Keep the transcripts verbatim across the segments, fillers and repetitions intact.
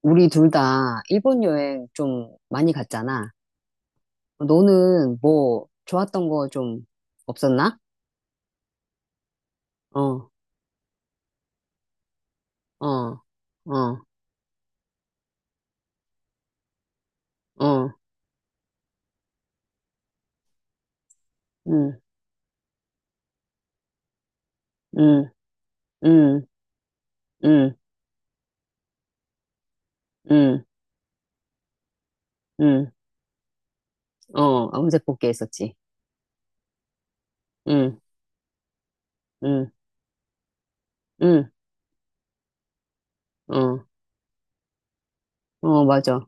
우리 둘 다 일본 여행 좀 많이 갔잖아. 너는 뭐 좋았던 거 좀 없었나? 어, 어, 어, 어, 응, 응, 응, 응, 응, 응, 어, 암세 뽑기 했었지. 응, 응, 응, 어, 어, 맞아.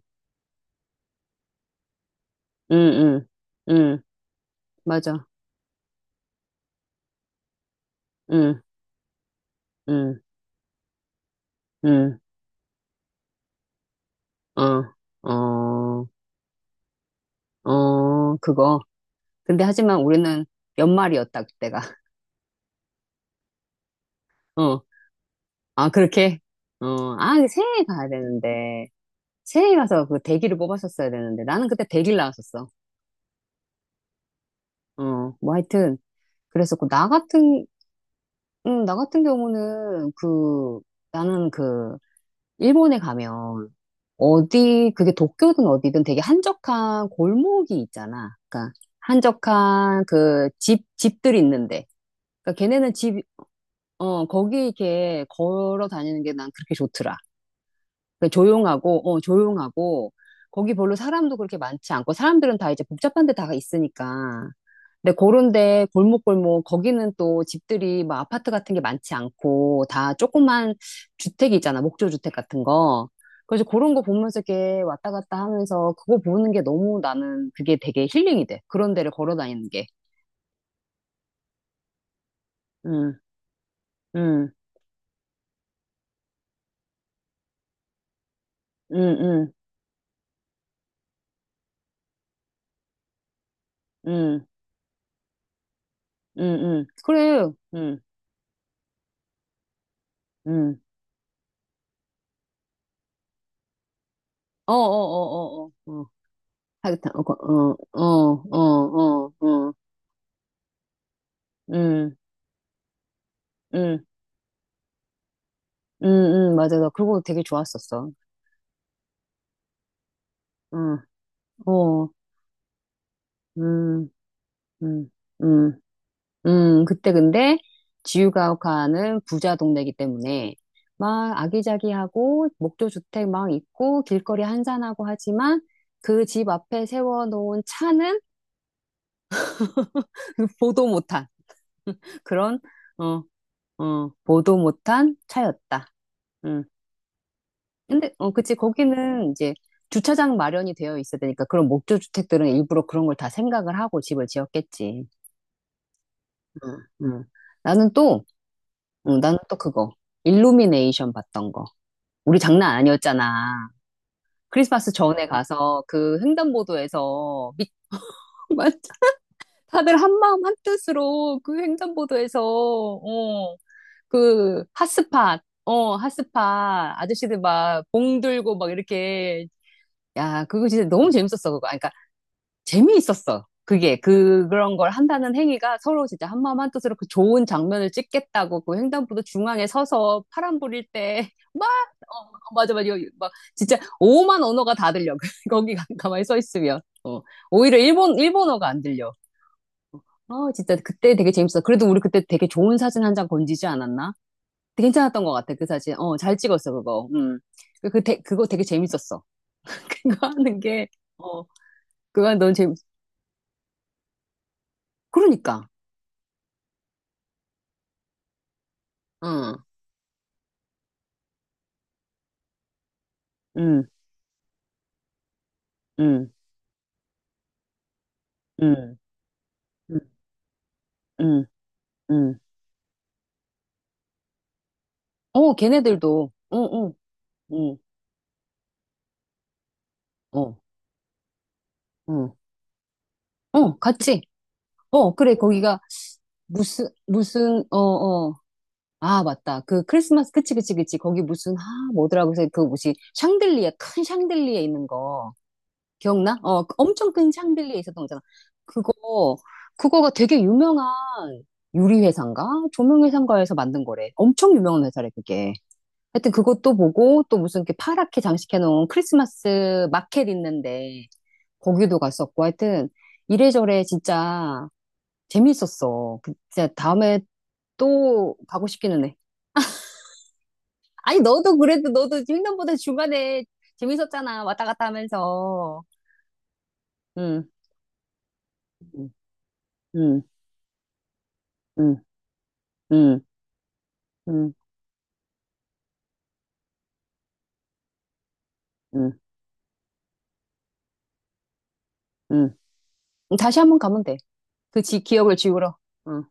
응, 응, 응, 맞아. 응, 응, 응, 어, 어, 어, 그거. 근데 하지만 우리는 연말이었다, 그때가. 아, 그렇게? 어, 아, 새해 가야 되는데. 새해 가서 그 대기를 뽑았었어야 되는데. 나는 그때 대기를 나왔었어. 어, 뭐 하여튼. 그래서 그 나 같은, 음, 나 같은 경우는 그, 나는 그, 일본에 가면 어디, 그게 도쿄든 어디든 되게 한적한 골목이 있잖아. 그러니까 한적한 그 집, 집들이 있는데. 그러니까 걔네는 집, 어, 거기 이렇게 걸어 다니는 게 난 그렇게 좋더라. 그 조용하고, 어, 조용하고, 거기 별로 사람도 그렇게 많지 않고, 사람들은 다 이제 복잡한 데 다 있으니까. 근데 그런데 골목골목, 거기는 또 집들이 막 아파트 같은 게 많지 않고, 다 조그만 주택이 있잖아, 목조주택 같은 거. 그래서 그런 거 보면서 이렇게 왔다 갔다 하면서 그거 보는 게 너무 나는 그게 되게 힐링이 돼. 그런 데를 걸어 다니는 게. 응, 응, 응, 응, 응, 응, 응. 그래, 응, 응. 어, 어, 어, 어, 어. 어. 사계탕, 어, 거- 어, 어, 어, 어, 어, 음, 음, 음, 음, 맞아. 나 그거 되게 좋았었어. 응, 어, 음, 음, 음, 음. 그때 근데 지우가오카는 부자 동네이기 때문에 막 아기자기하고 목조 주택 막 있고 길거리 한산하고 하지만 그 집 앞에 세워놓은 차는 보도 못한 그런, 어, 어, 보도 못한 차였다. 응. 근데, 어, 그치. 거기는 이제 주차장 마련이 되어 있어야 되니까 그런 목조 주택들은 일부러 그런 걸 다 생각을 하고 집을 지었겠지. 응, 응. 나는 또, 응, 나는 또 그거. 일루미네이션 봤던 거. 우리 장난 아니었잖아. 크리스마스 전에 가서 그 횡단보도에서 밑, 다들 한마음 한뜻으로 그 횡단보도에서, 어, 그 핫스팟, 어, 핫스팟 아저씨들 막 봉 들고 막 이렇게 야, 그거 진짜 너무 재밌었어, 그거. 재미있었어. 그게 그 그런 걸 한다는 행위가 서로 진짜 한마음 한뜻으로 그 좋은 장면을 찍겠다고 그 횡단보도 중앙에 서서 파란 불일 때막 어, 어, 맞아 맞아. 여기 막 진짜 오만 언어가 다 들려. 거기 가- 가만히 서 있으면, 어, 오히려 일본 일본어가 안 들려. 어, 진짜 그때 되게 재밌었어. 그래도 우리 그때 되게 좋은 사진 한 장 건지지 않았나. 되게 괜찮았던 것 같아 그 사진. 어, 잘 찍었어 그거. 음그 그, 그거 되게 재밌었어. 그거 하는 게어 그거 넌 재밌 그러니까 응. 음. 응, 응, 응, 응, 응. 어, 걔네들도, 응, 응, 응, 어, 응, 어, 같이. 어, 그래, 거기가 무슨, 무슨, 어, 어. 아, 맞다. 그 크리스마스, 그치, 그치, 그치. 거기 무슨, 아, 뭐더라고 해서 그 뭐지, 샹들리에, 큰 샹들리에 있는 거. 기억나? 어, 그 엄청 큰 샹들리에 있었던 거잖아. 그거, 그거가 되게 유명한 유리회사인가? 조명회사인가에서 만든 거래. 엄청 유명한 회사래, 그게. 하여튼 그것도 보고 또 무슨 이렇게 파랗게 장식해 놓은 크리스마스 마켓 있는데 거기도 갔었고. 하여튼 이래저래 진짜 재밌었어. 그 진짜 다음에 또 가고 싶기는 해. 아니 너도 그래도 너도 횡단보도 중간에 재밌었잖아. 왔다 갔다 하면서. 응, 응, 응, 응, 응, 응, 응. 응. 다시 한 번 가면 돼. 그 지, 기억을 지우러. 응,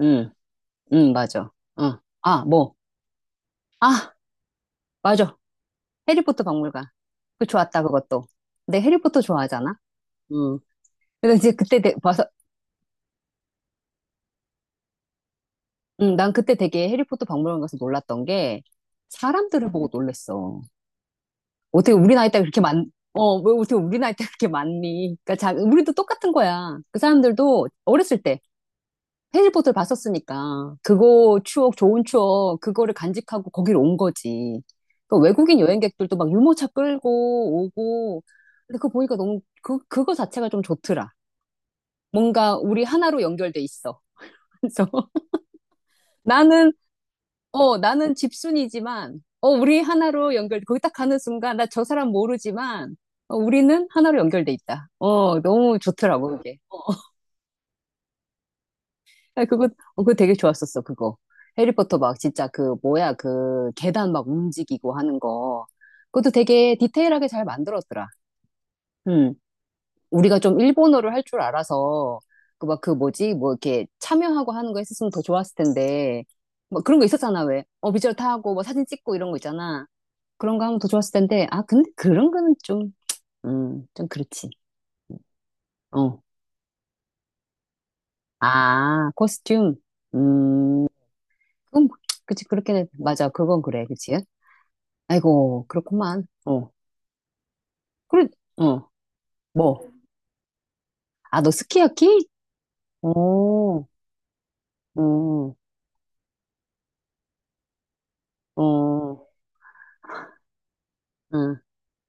응, 응, 맞아. 응. 아, 뭐. 아, 맞아. 해리포터 박물관. 그 좋았다, 그것도. 근데 해리포터 좋아하잖아? 음. 그래서 이제 그때 되- 봐서, 음, 난 그때 되게 해리포터 박물관 가서 놀랐던 게, 사람들을 보고 놀랬어. 어떻게 우리 나이 때 그렇게 많, 어, 왜 어떻게 우리 나이 때 그렇게 많니? 그러니까 자, 우리도 똑같은 거야. 그 사람들도 어렸을 때 해리포터를 봤었으니까, 그거 추억, 좋은 추억, 그거를 간직하고 거기로 온 거지. 그 외국인 여행객들도 막 유모차 끌고 오고, 근데 그거 보니까 너무, 그, 그거 자체가 좀 좋더라. 뭔가 우리 하나로 연결돼 있어. 그래서 나는, 어, 나는 집순이지만, 어, 우리 하나로 연결, 거기 딱 가는 순간 나 저 사람 모르지만 어, 우리는 하나로 연결돼 있다. 어, 너무 좋더라고 그게. 어, 그거. 어, 그거 되게 좋았었어 그거. 해리포터 막 진짜 그 뭐야 그 계단 막 움직이고 하는 거. 그것도 되게 디테일하게 잘 만들었더라. 응. 우리가 좀 일본어를 할 줄 알아서 그 막 그 뭐지 뭐 이렇게 참여하고 하는 거 했었으면 더 좋았을 텐데. 막 그런 거 있었잖아 왜. 어, 비주얼 타고 뭐 사진 찍고 이런 거 있잖아. 그런 거 하면 더 좋았을 텐데. 아 근데 그런 거는 좀, 음, 좀 그렇지. 어, 아 코스튬. 음, 그건 뭐-. 그치 그렇긴 해. 맞아 그건 그래 그치. 아이고 그렇구만. 어, 그래. 어뭐 아 너 스키야키. 어어어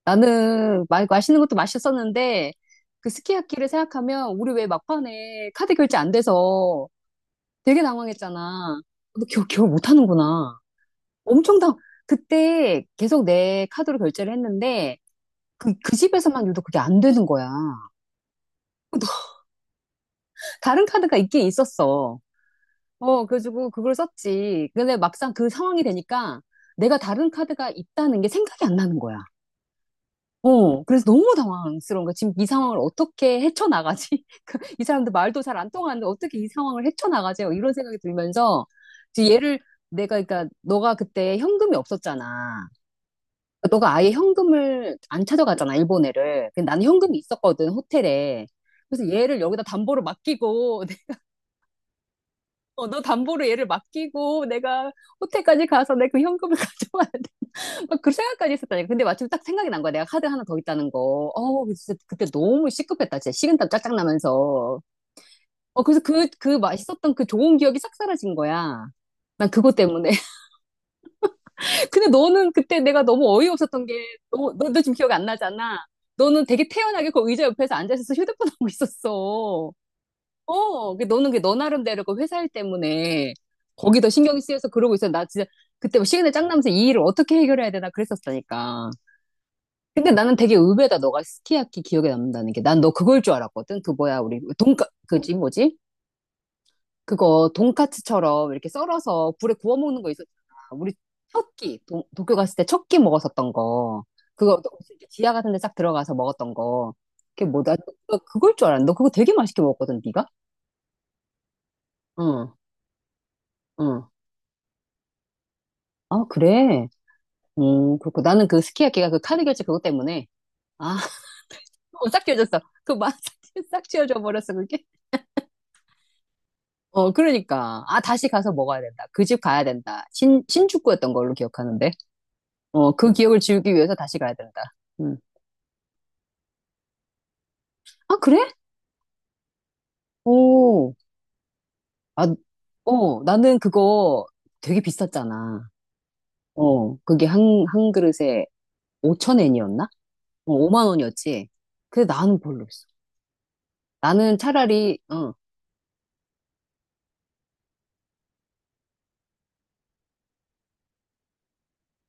나는 마, 맛있는 것도 맛있었는데 그 스키야키를 생각하면 우리 왜 막판에 카드 결제 안 돼서 되게 당황했잖아. 너 기억, 기억 못 하는구나. 엄청 당, 그때 계속 내 카드로 결제를 했는데 그, 그 집에서만 유독 그게 안 되는 거야. 다른 카드가 있긴 있었어. 어, 그래가지고 그걸 썼지. 근데 막상 그 상황이 되니까 내가 다른 카드가 있다는 게 생각이 안 나는 거야. 어, 그래서 너무 당황스러운 거야. 지금 이 상황을 어떻게 헤쳐나가지? 그이 사람들 말도 잘 안 통하는데 어떻게 이 상황을 헤쳐나가지? 이런 생각이 들면서 이제 얘를 내가, 그러니까 너가 그때 현금이 없었잖아. 너가 아예 현금을 안 찾아갔잖아, 일본 애를. 근데 나는 현금이 있었거든, 호텔에. 그래서 얘를 여기다 담보로 맡기고, 어, 너 담보로 얘를 맡기고, 내가 호텔까지 가서 내 그 현금을 가져왔, 막 그 생각까지 했었다니까. 근데 마침 딱 생각이 난 거야. 내가 카드 하나 더 있다는 거. 어, 진짜 그때 너무 시급했다. 진짜 식은땀 짝짝 나면서. 어, 그래서 그, 그 맛있었던 그 좋은 기억이 싹 사라진 거야. 난 그것 때문에. 근데 너는 그때 내가 너무 어이없었던 게, 너, 너, 너 지금 기억 안 나잖아. 너는 되게 태연하게 그 의자 옆에서 앉아있어서 휴대폰 하고 있었어. 어, 그 너는 그 너 나름대로 그 회사일 때문에 거기 더 신경이 쓰여서 그러고 있어. 나 진짜 그때 뭐 시간에 짱 나면서 이 일을 어떻게 해결해야 되나 그랬었다니까. 근데 나는 되게 의외다. 너가 스키야키 기억에 남는다는 게. 난 너 그걸 줄 알았거든. 그 뭐야, 우리 돈까 그지 뭐지? 그거 돈까츠처럼 이렇게 썰어서 불에 구워 먹는 거 있었잖아. 우리 첫 끼, 도, 도쿄 갔을 때 첫 끼 먹었었던 거. 그거 또 이렇게 지하 같은 데 싹 들어가서 먹었던 거. 그게 뭐다? 너 그걸 줄 알았는데. 너 그거 되게 맛있게 먹었거든, 네가? 응, 응. 아, 그래. 음, 그렇고 나는 그 스키야키가 그 카드 결제 그것 때문에, 아, 어, 싹 지워졌어. 그 맛 싹 지워져 버렸어. 그게. 어, 그러니까. 아, 다시 가서 먹어야 된다. 그 집 가야 된다. 신, 신축구였던 걸로 기억하는데. 어, 그 기억을 지우기 위해서 다시 가야 된다. 음. 아, 그래? 오. 아, 어, 나는 그거 되게 비쌌잖아. 어, 그게 한, 한 그릇에 오천 엔이었나? 어, 오만 원이었지. 근데 나는 별로였어. 나는 차라리, 어,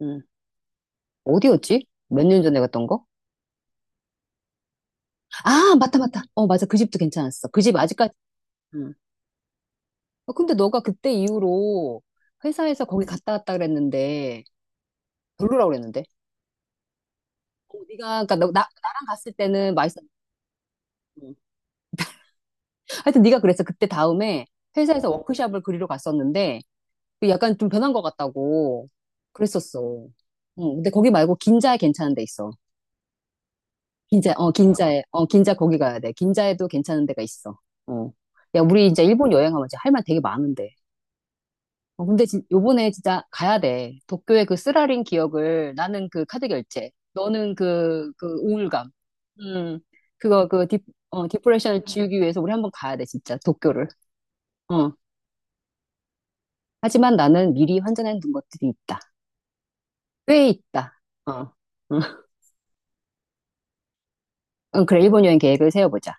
음, 어디였지? 몇 년 전에 갔던 거? 아, 맞다, 맞다. 어, 맞아. 그 집도 괜찮았어. 그 집 아직까지, 음. 어, 근데 너가 그때 이후로 회사에서 거기 갔다 왔다 그랬는데 별로라고 그랬는데. 어, 네가 그러니까 너, 나, 나랑 갔을 때는 맛있었고. 하여튼 네가 그랬어. 그때 다음에 회사에서 워크숍을 그리러 갔었는데 그 약간 좀 변한 것 같다고 그랬었어. 응, 근데 거기 말고 긴자에 괜찮은 데 있어. 긴자, 어, 긴자에, 어, 긴자 거기 가야 돼. 긴자에도 괜찮은 데가 있어. 어. 야, 우리 이제 일본 여행하면 이제 할 말 되게 많은데. 어, 근데 진, 요번에 진짜 가야 돼. 도쿄의 그 쓰라린 기억을 나는 그 카드 결제, 너는 그, 그 우울감. 음, 그거 그 디, 어, 디프레션을 지우기 위해서 우리 한번 가야 돼, 진짜 도쿄를. 어. 하지만 나는 미리 환전해 둔 것들이 있다. 꽤 있다. 어. 응, 응, 그래, 일본 여행 계획을 세워보자.